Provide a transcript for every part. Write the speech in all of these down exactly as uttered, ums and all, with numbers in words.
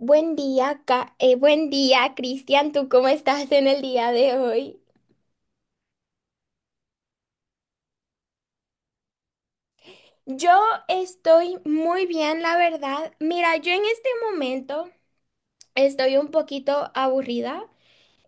Buen día, Ca- eh, buen día, Cristian. ¿Tú cómo estás en el día de hoy? Yo estoy muy bien, la verdad. Mira, yo en este momento estoy un poquito aburrida.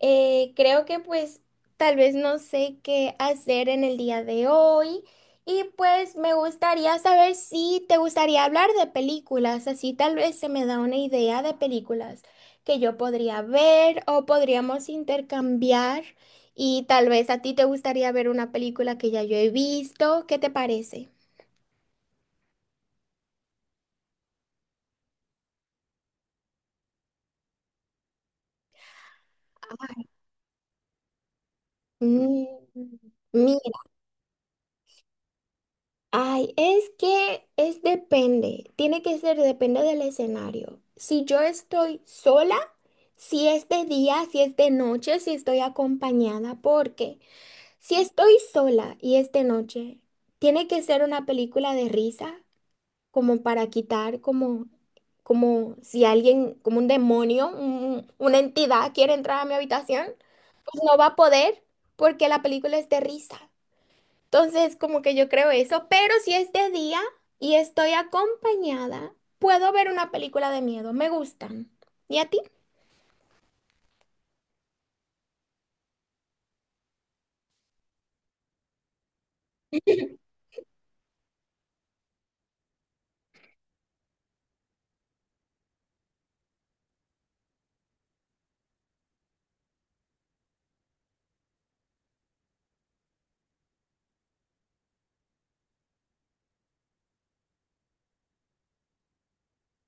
Eh, creo que pues tal vez no sé qué hacer en el día de hoy, y pues me gustaría saber si te gustaría hablar de películas, así tal vez se me da una idea de películas que yo podría ver o podríamos intercambiar, y tal vez a ti te gustaría ver una película que ya yo he visto. ¿Qué te parece? Ay. Mm. Ay, es que es depende, tiene que ser depende del escenario. Si yo estoy sola, si es de día, si es de noche, si estoy acompañada, porque si estoy sola y es de noche, tiene que ser una película de risa, como para quitar, como, como si alguien, como un demonio, un- una entidad quiere entrar a mi habitación, pues no va a poder porque la película es de risa. Entonces, como que yo creo eso, pero si es de día y estoy acompañada, puedo ver una película de miedo, me gustan. ¿Y a ti?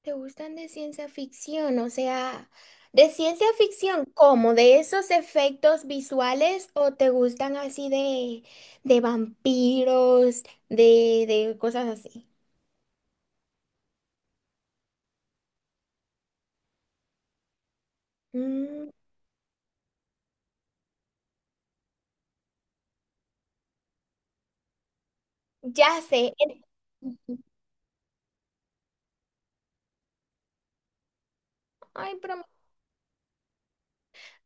¿Te gustan de ciencia ficción? O sea, de ciencia ficción, ¿cómo? ¿De esos efectos visuales o te gustan así de, de vampiros, de, de cosas así? Mm, ya sé. en- Ay, pero,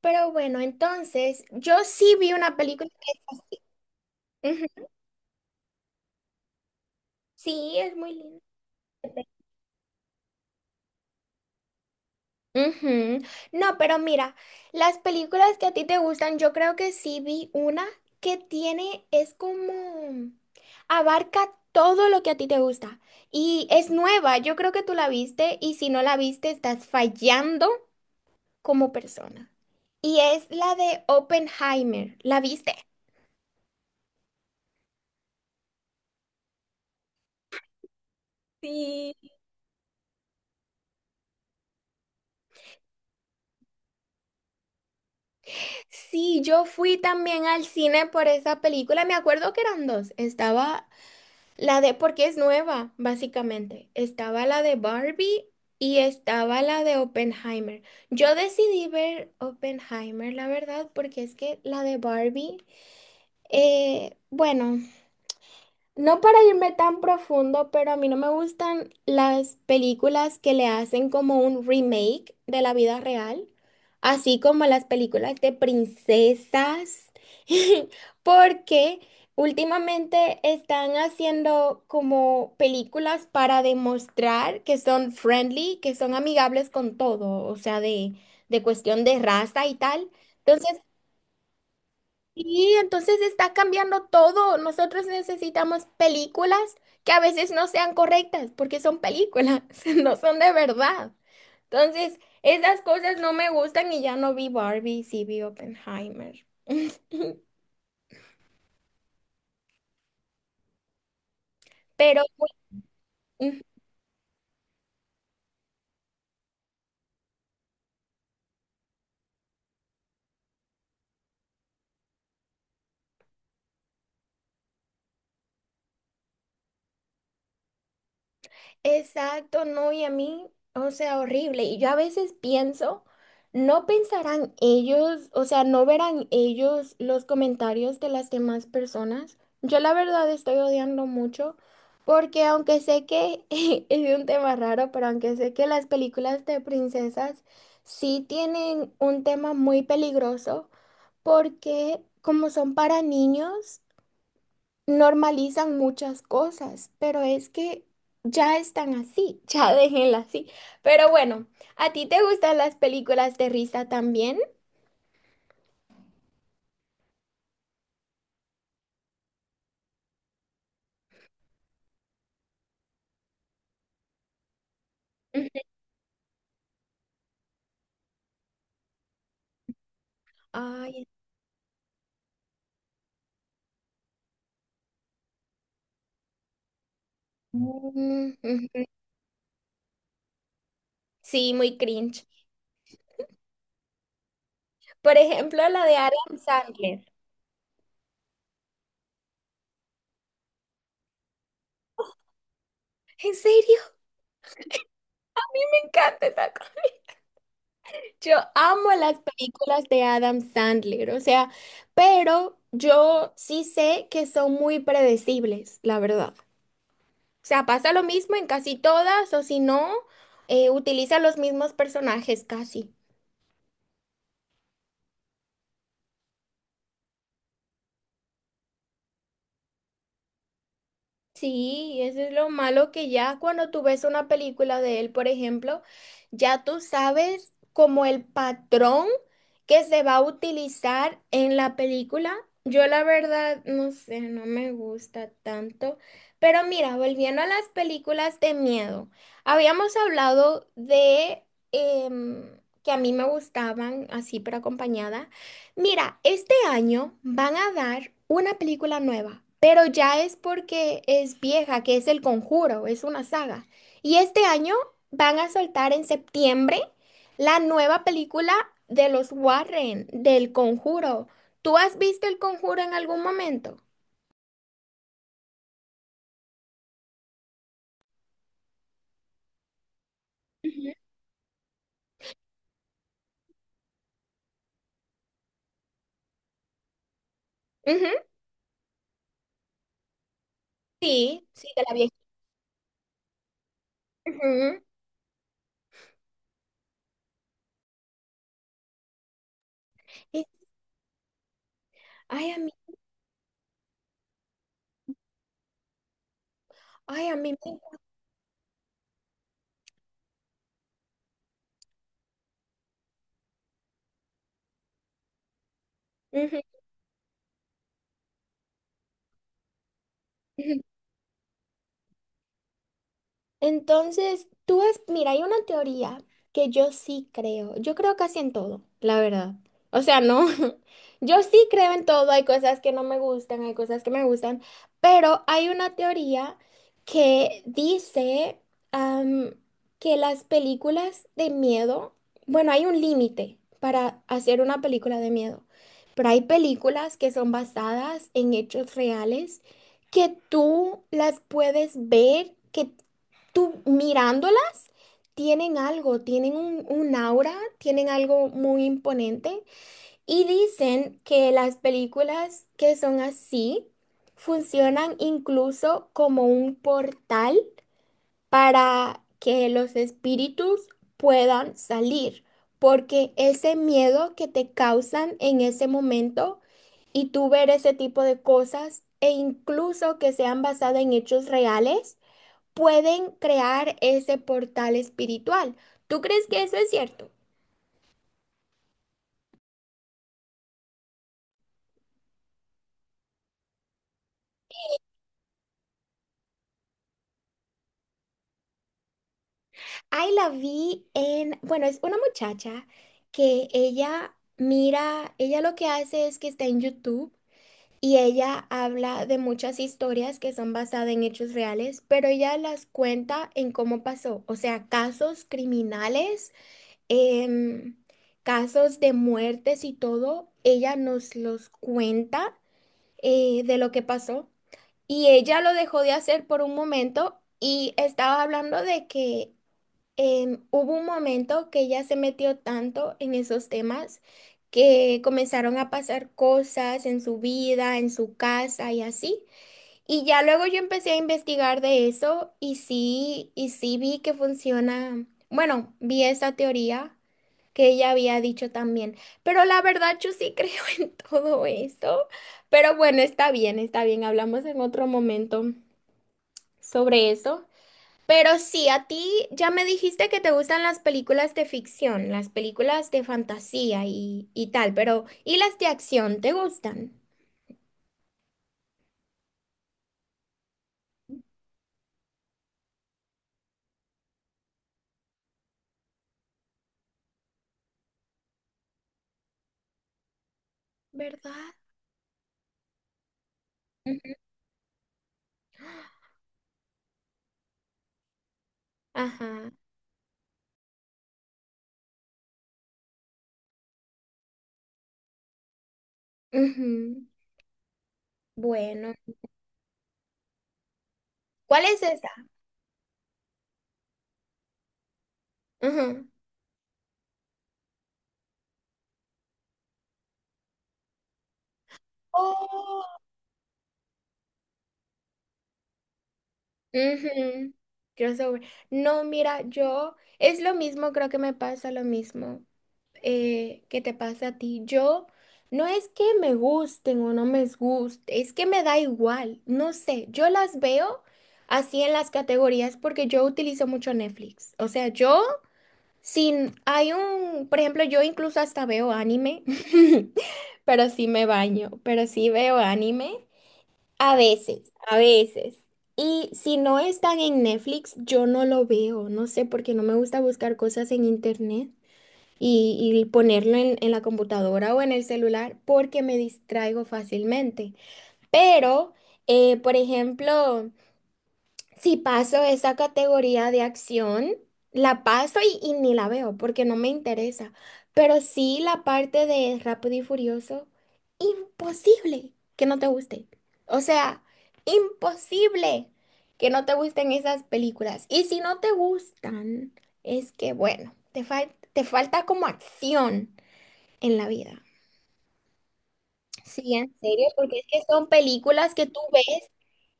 pero bueno, entonces, yo sí vi una película que es así. Ujú. Sí, es muy linda. Ujú. No, pero mira, las películas que a ti te gustan, yo creo que sí vi una que tiene, es como, abarca todo lo que a ti te gusta y es nueva, yo creo que tú la viste, y si no la viste estás fallando como persona. Y es la de Oppenheimer, ¿la viste? Sí. Sí, yo fui también al cine por esa película, me acuerdo que eran dos, estaba la de, porque es nueva, básicamente. Estaba la de Barbie y estaba la de Oppenheimer. Yo decidí ver Oppenheimer, la verdad, porque es que la de Barbie, eh, bueno. No para irme tan profundo, pero a mí no me gustan las películas que le hacen como un remake de la vida real, así como las películas de princesas, porque últimamente están haciendo como películas para demostrar que son friendly, que son amigables con todo, o sea, de, de cuestión de raza y tal. Entonces, y entonces está cambiando todo. Nosotros necesitamos películas que a veces no sean correctas porque son películas, no son de verdad. Entonces, esas cosas no me gustan y ya no vi Barbie, sí vi Oppenheimer. Pero, exacto, no, y a mí, o sea, horrible. Y yo a veces pienso, no pensarán ellos, o sea, no verán ellos los comentarios de las demás personas. Yo la verdad estoy odiando mucho porque aunque sé que es un tema raro, pero aunque sé que las películas de princesas sí tienen un tema muy peligroso porque como son para niños, normalizan muchas cosas, pero es que ya están así, ya déjenla así. Pero bueno, ¿a ti te gustan las películas de risa también? Ujú. Ay, mm, ujú. Sí, muy cringe. Por ejemplo, la de Adam Sandler. ¿En serio? Me encanta esa cosa. Yo amo las películas de Adam Sandler, o sea, pero yo sí sé que son muy predecibles, la verdad. O sea, pasa lo mismo en casi todas, o si no, eh, utiliza los mismos personajes casi. Sí, eso es lo malo que ya cuando tú ves una película de él, por ejemplo, ya tú sabes como el patrón que se va a utilizar en la película. Yo la verdad, no sé, no me gusta tanto. Pero mira, volviendo a las películas de miedo, habíamos hablado de em, que a mí me gustaban así, pero acompañada. Mira, este año van a dar una película nueva, pero ya es porque es vieja, que es El Conjuro, es una saga. Y este año van a soltar en septiembre la nueva película de los Warren, del Conjuro. ¿Tú has visto El Conjuro en algún momento? Ujú. Ujú, sí, sí, de la vieja. Ujú. Y- Ay, a mí, ay, a mí. Me- ujú. Entonces, tú es, mira, hay una teoría que yo sí creo. Yo creo casi en todo, la verdad. O sea, no, yo sí creo en todo. Hay cosas que no me gustan, hay cosas que me gustan, pero hay una teoría que dice am, que las películas de miedo, bueno, hay un límite para hacer una película de miedo, pero hay películas que son basadas en hechos reales que tú las puedes ver. Que tú mirándolas, tienen algo, tienen un, un aura, tienen algo muy imponente, y dicen que las películas que son así funcionan incluso como un portal para que los espíritus puedan salir, porque ese miedo que te causan en ese momento y tú ver ese tipo de cosas e incluso que sean basadas en hechos reales, pueden crear ese portal espiritual. ¿Tú crees que eso es cierto? Ahí la vi en, bueno, es una muchacha que ella mira, ella lo que hace es que está en YouTube y ella habla de muchas historias que son basadas en hechos reales, pero ella las cuenta en cómo pasó, o sea, casos criminales, em, casos de muertes y todo, ella nos los cuenta eh, de lo que pasó. Y ella lo dejó de hacer por un momento y estaba hablando de que em, hubo un momento que ella se metió tanto en esos temas que comenzaron a pasar cosas en su vida, en su casa y así. Y ya luego yo empecé a investigar de eso y sí, y sí vi que funciona, bueno, vi esa teoría que ella había dicho también. Pero la verdad, yo sí creo en todo eso. Pero bueno, está bien, está bien. Hablamos en otro momento sobre eso. Pero sí, a ti ya me dijiste que te gustan las películas de ficción, las películas de fantasía y, y tal, pero ¿y las de acción te gustan? ¿Verdad? Ujú. Ajá. Ujú. Bueno, ¿cuál es esa? Ajá. Ujú, crossover. No, mira, yo es lo mismo, creo que me pasa lo mismo eh, que te pasa a ti. Yo no es que me gusten o no me guste, es que me da igual, no sé, yo las veo así en las categorías porque yo utilizo mucho Netflix. O sea, yo sin, hay un, por ejemplo, yo incluso hasta veo anime, pero sí me baño, pero sí veo anime. A veces, a veces. Y si no están en Netflix, yo no lo veo. No sé porque no me gusta buscar cosas en internet y, y ponerlo en, en la computadora o en el celular porque me distraigo fácilmente. Pero, eh, por ejemplo, si paso esa categoría de acción, la paso y, y ni la veo porque no me interesa. Pero sí la parte de Rápido y Furioso, imposible que no te guste. O sea, imposible que no te gusten esas películas. Y si no te gustan, es que, bueno, te fal- te falta como acción en la vida. Sí, en serio, porque es que son películas que tú ves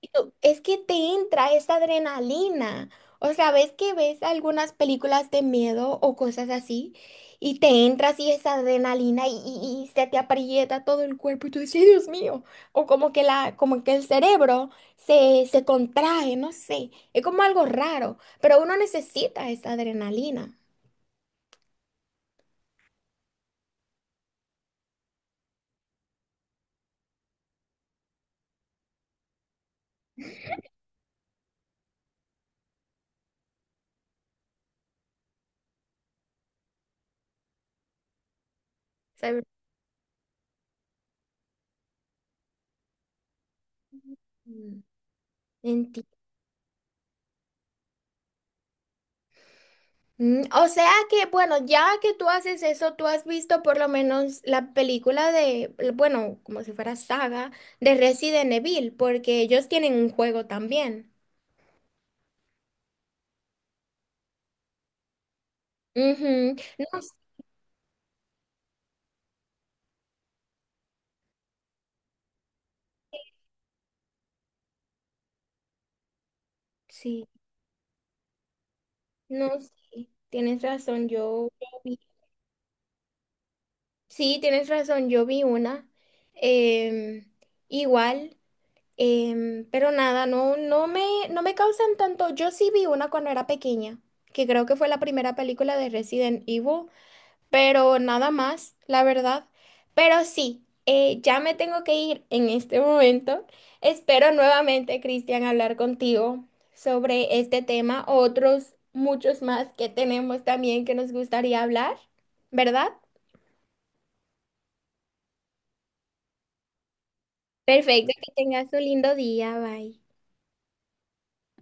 y tú, es que te entra esa adrenalina. O sea, ves que ves algunas películas de miedo o cosas así, y te entra así esa adrenalina y, y- y se te aprieta todo el cuerpo y tú dices, "Ay, Dios mío." O como que la, como que el cerebro se, se contrae, no sé. Es como algo raro, pero uno necesita esa adrenalina. ¿Sabes? Mm. Mm, o sea que, bueno, ya que tú haces eso, tú has visto por lo menos la película de, bueno, como si fuera saga de Resident Evil, porque ellos tienen un juego también. Ujú. No, sí, no, sí, tienes razón, yo, yo vi- sí, tienes razón, yo vi una, em, igual, em, pero nada, no, no me, no me causan tanto, yo sí vi una cuando era pequeña, que creo que fue la primera película de Resident Evil, pero nada más, la verdad. Pero sí, eh, ya me tengo que ir en este momento. Espero nuevamente, Cristian, hablar contigo sobre este tema, otros muchos más que tenemos también que nos gustaría hablar, ¿verdad? Perfecto, que tengas un lindo día, bye.